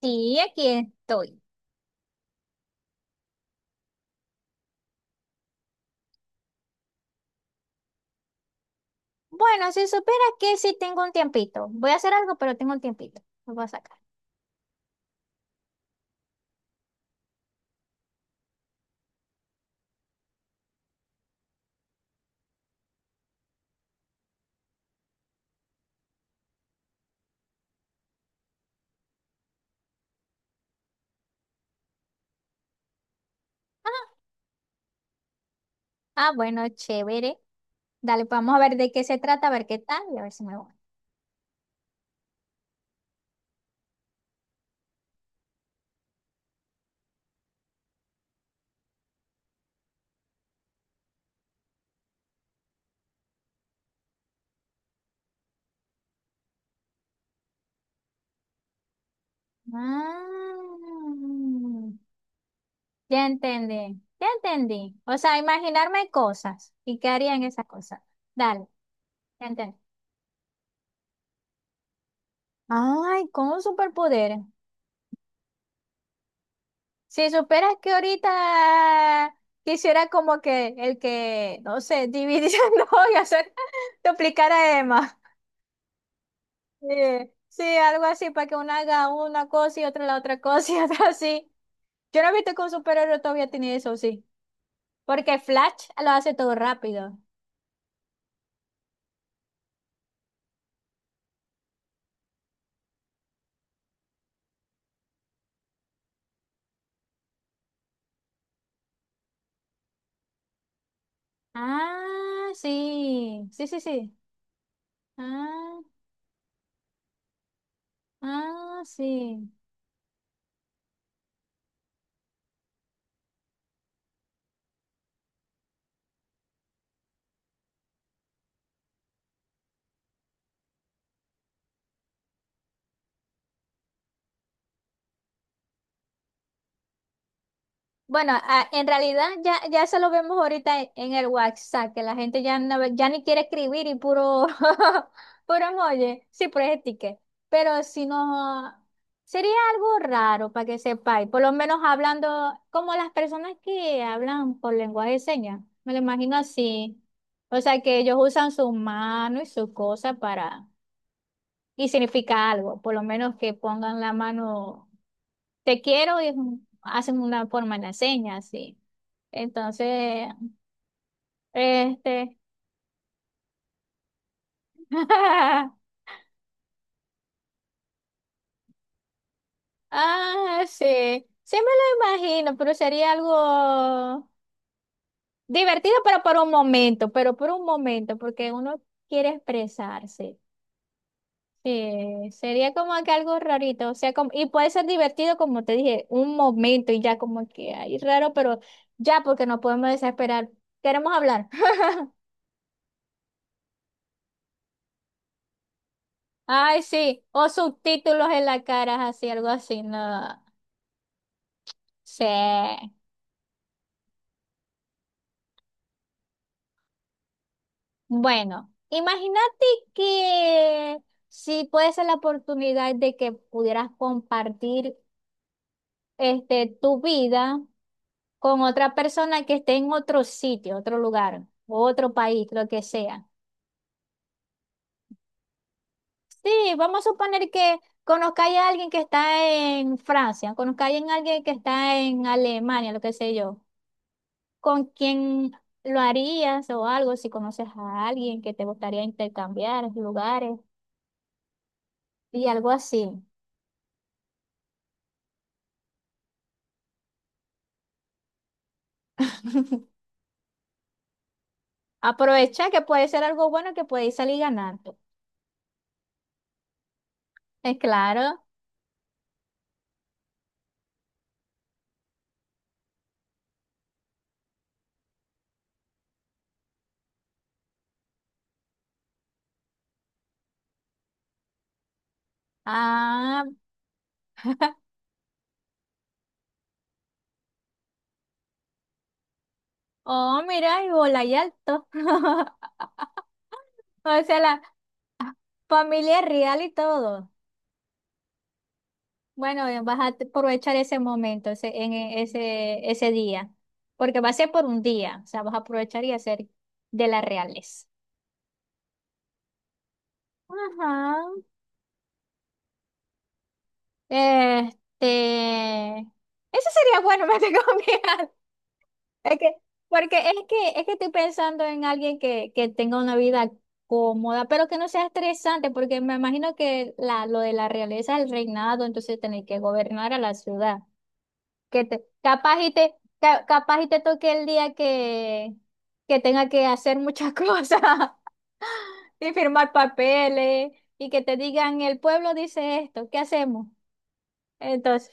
Sí, aquí estoy. Bueno, si supieras que sí tengo un tiempito. Voy a hacer algo, pero tengo un tiempito. Lo voy a sacar. Ah, bueno, chévere. Dale, pues vamos a ver de qué se trata, a ver qué tal y a ver si me voy. Ah, ya entendí. O sea, imaginarme cosas y qué harían esas cosas. Dale, ya entendí. Ay, con un superpoder. Si superas que ahorita quisiera como que el que, no sé, dividiendo y hacer, duplicara más. Sí, sí, algo así, para que uno haga una cosa y otra la otra cosa y otra así. Yo no he visto que un superhéroe todavía tiene eso, sí. Porque Flash lo hace todo rápido. Ah, sí, sí, sí, sí. Ah, sí. Bueno, en realidad ya eso lo vemos ahorita en el WhatsApp, que la gente ya, no, ya ni quiere escribir y puro, puro emoji, sí, puro sticker. Pero si no, sería algo raro para que sepáis, por lo menos hablando como las personas que hablan por lenguaje de señas, me lo imagino así. O sea, que ellos usan su mano y su cosa para, y significa algo, por lo menos que pongan la mano te quiero y es hacen una forma en la seña, así. Entonces, este, ah, sí, sí me lo imagino, pero sería algo divertido, pero por un momento, pero por un momento, porque uno quiere expresarse. Sí, sería como que algo rarito, o sea, como, y puede ser divertido, como te dije, un momento y ya como que ahí raro, pero ya porque no podemos desesperar. Queremos hablar. Ay, sí, o subtítulos en la cara, así, algo así, no. Sí. Bueno, imagínate que si puede ser la oportunidad de que pudieras compartir tu vida con otra persona que esté en otro sitio, otro lugar, otro país, lo que sea. Sí, vamos a suponer que conozcáis a alguien que está en Francia, conozcáis a alguien que está en Alemania, lo que sé yo. ¿Con quién lo harías o algo? Si conoces a alguien que te gustaría intercambiar lugares y algo así. Aprovecha que puede ser algo bueno que puede salir ganando. Es claro. Ah, oh, mira, y bola y alto. O sea, la familia es real y todo. Bueno, vas a aprovechar ese momento, ese, ese, ese día, porque va a ser por un día, o sea, vas a aprovechar y hacer de las reales. Ajá. Este, eso sería bueno, me tengo que es que, porque es que estoy pensando en alguien que tenga una vida cómoda, pero que no sea estresante, porque me imagino que la, lo de la realeza es el reinado, entonces tener que gobernar a la ciudad. Que te, capaz y te, capaz y te toque el día que tenga que hacer muchas cosas y firmar papeles y que te digan, el pueblo dice esto, ¿qué hacemos? Entonces,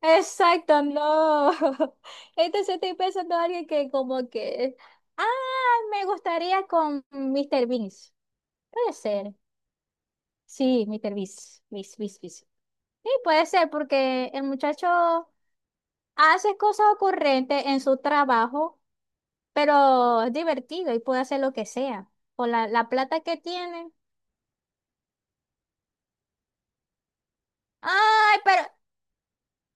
exacto, no. Entonces estoy pensando en alguien que como que, ah, me gustaría con Mr. Beast. Puede ser. Sí, Mr. Beast. Sí, puede ser porque el muchacho hace cosas ocurrentes en su trabajo, pero es divertido y puede hacer lo que sea. Con la plata que tiene. Ay, pero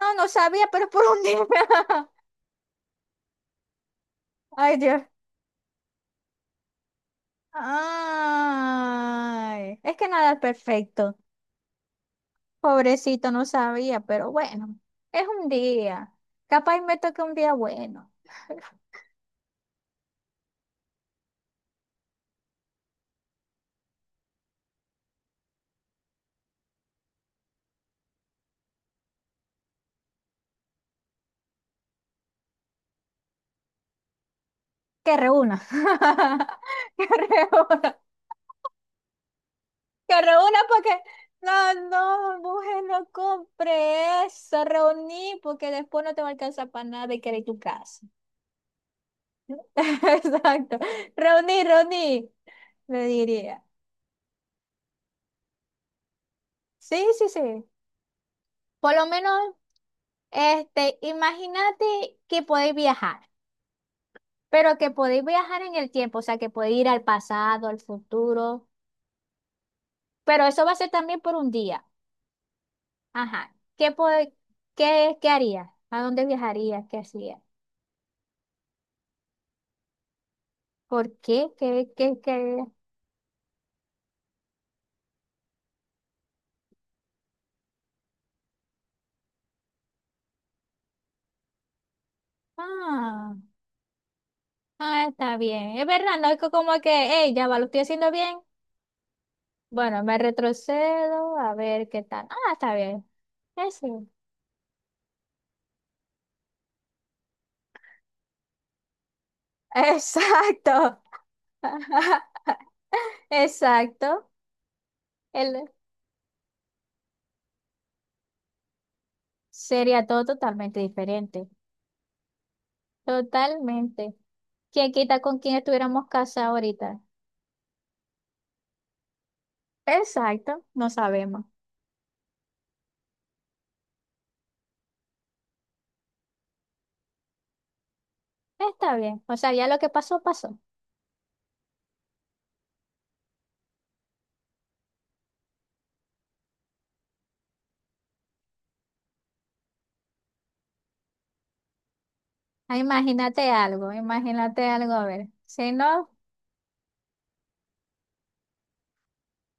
no, no sabía, pero es por un día. Ay, dios. Ay, es que nada es perfecto. Pobrecito, no sabía, pero bueno, es un día. Capaz me toca un día bueno. Que reúna. Que reúna. Que reúna porque. No, no, mujer, no compre eso. Reuní porque después no te va a alcanzar para nada y querer tu casa. Exacto. Reuní, le diría. Sí, sí, sí. Por lo menos. Imagínate que podéis viajar, pero que podéis viajar en el tiempo, o sea, que podéis ir al pasado, al futuro, pero eso va a ser también por un día. Ajá. Qué, ¿qué harías? ¿A dónde viajarías? ¿Qué hacías? ¿Por qué? ¿Qué, qué, qué? Ah, está bien. Es verdad, no es como que, hey, ya va, lo estoy haciendo bien. Bueno, me retrocedo a ver qué tal. Ah, está bien. Eso. Exacto. Exacto. Él sería todo totalmente diferente. Totalmente. ¿Quién quita con quién estuviéramos casados ahorita? Exacto, no sabemos. Está bien. O sea, ya lo que pasó, pasó. Ah, imagínate algo, imagínate algo, a ver. Si no,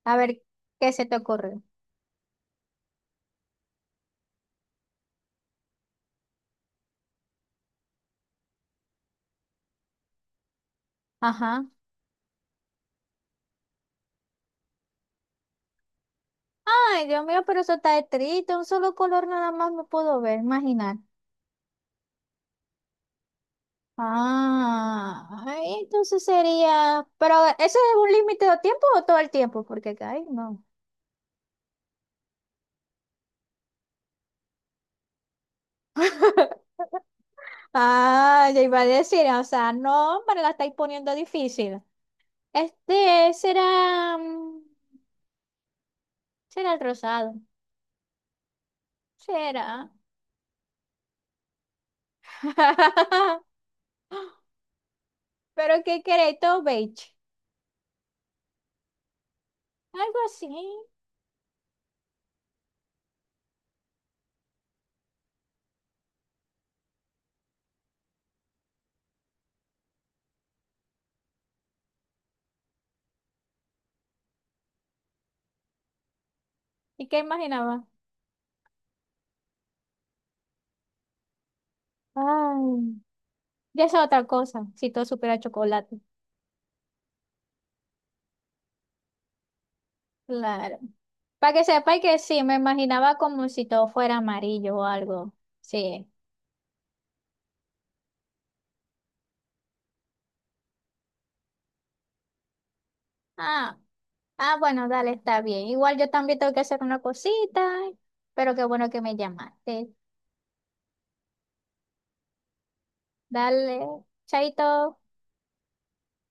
a ver, ¿qué se te ocurre? Ajá. Ay, Dios mío, pero eso está triste. Un solo color nada más me puedo ver, imaginar. Entonces sería. Pero, ¿eso es un límite de tiempo o todo el tiempo? Porque, ay, no. Ah, ya iba a decir, o sea, no, me la estáis poniendo difícil. Este será, mm, será el rosado, será. Pero ¿qué queréis? Todo beige, algo así. ¿Y qué imaginaba? Ay, ya es otra cosa, si todo supiera chocolate. Claro. Para que sepáis que sí, me imaginaba como si todo fuera amarillo o algo. Sí. Ah. Ah, bueno, dale, está bien. Igual yo también tengo que hacer una cosita, pero qué bueno que me llamaste. Dale, chaito.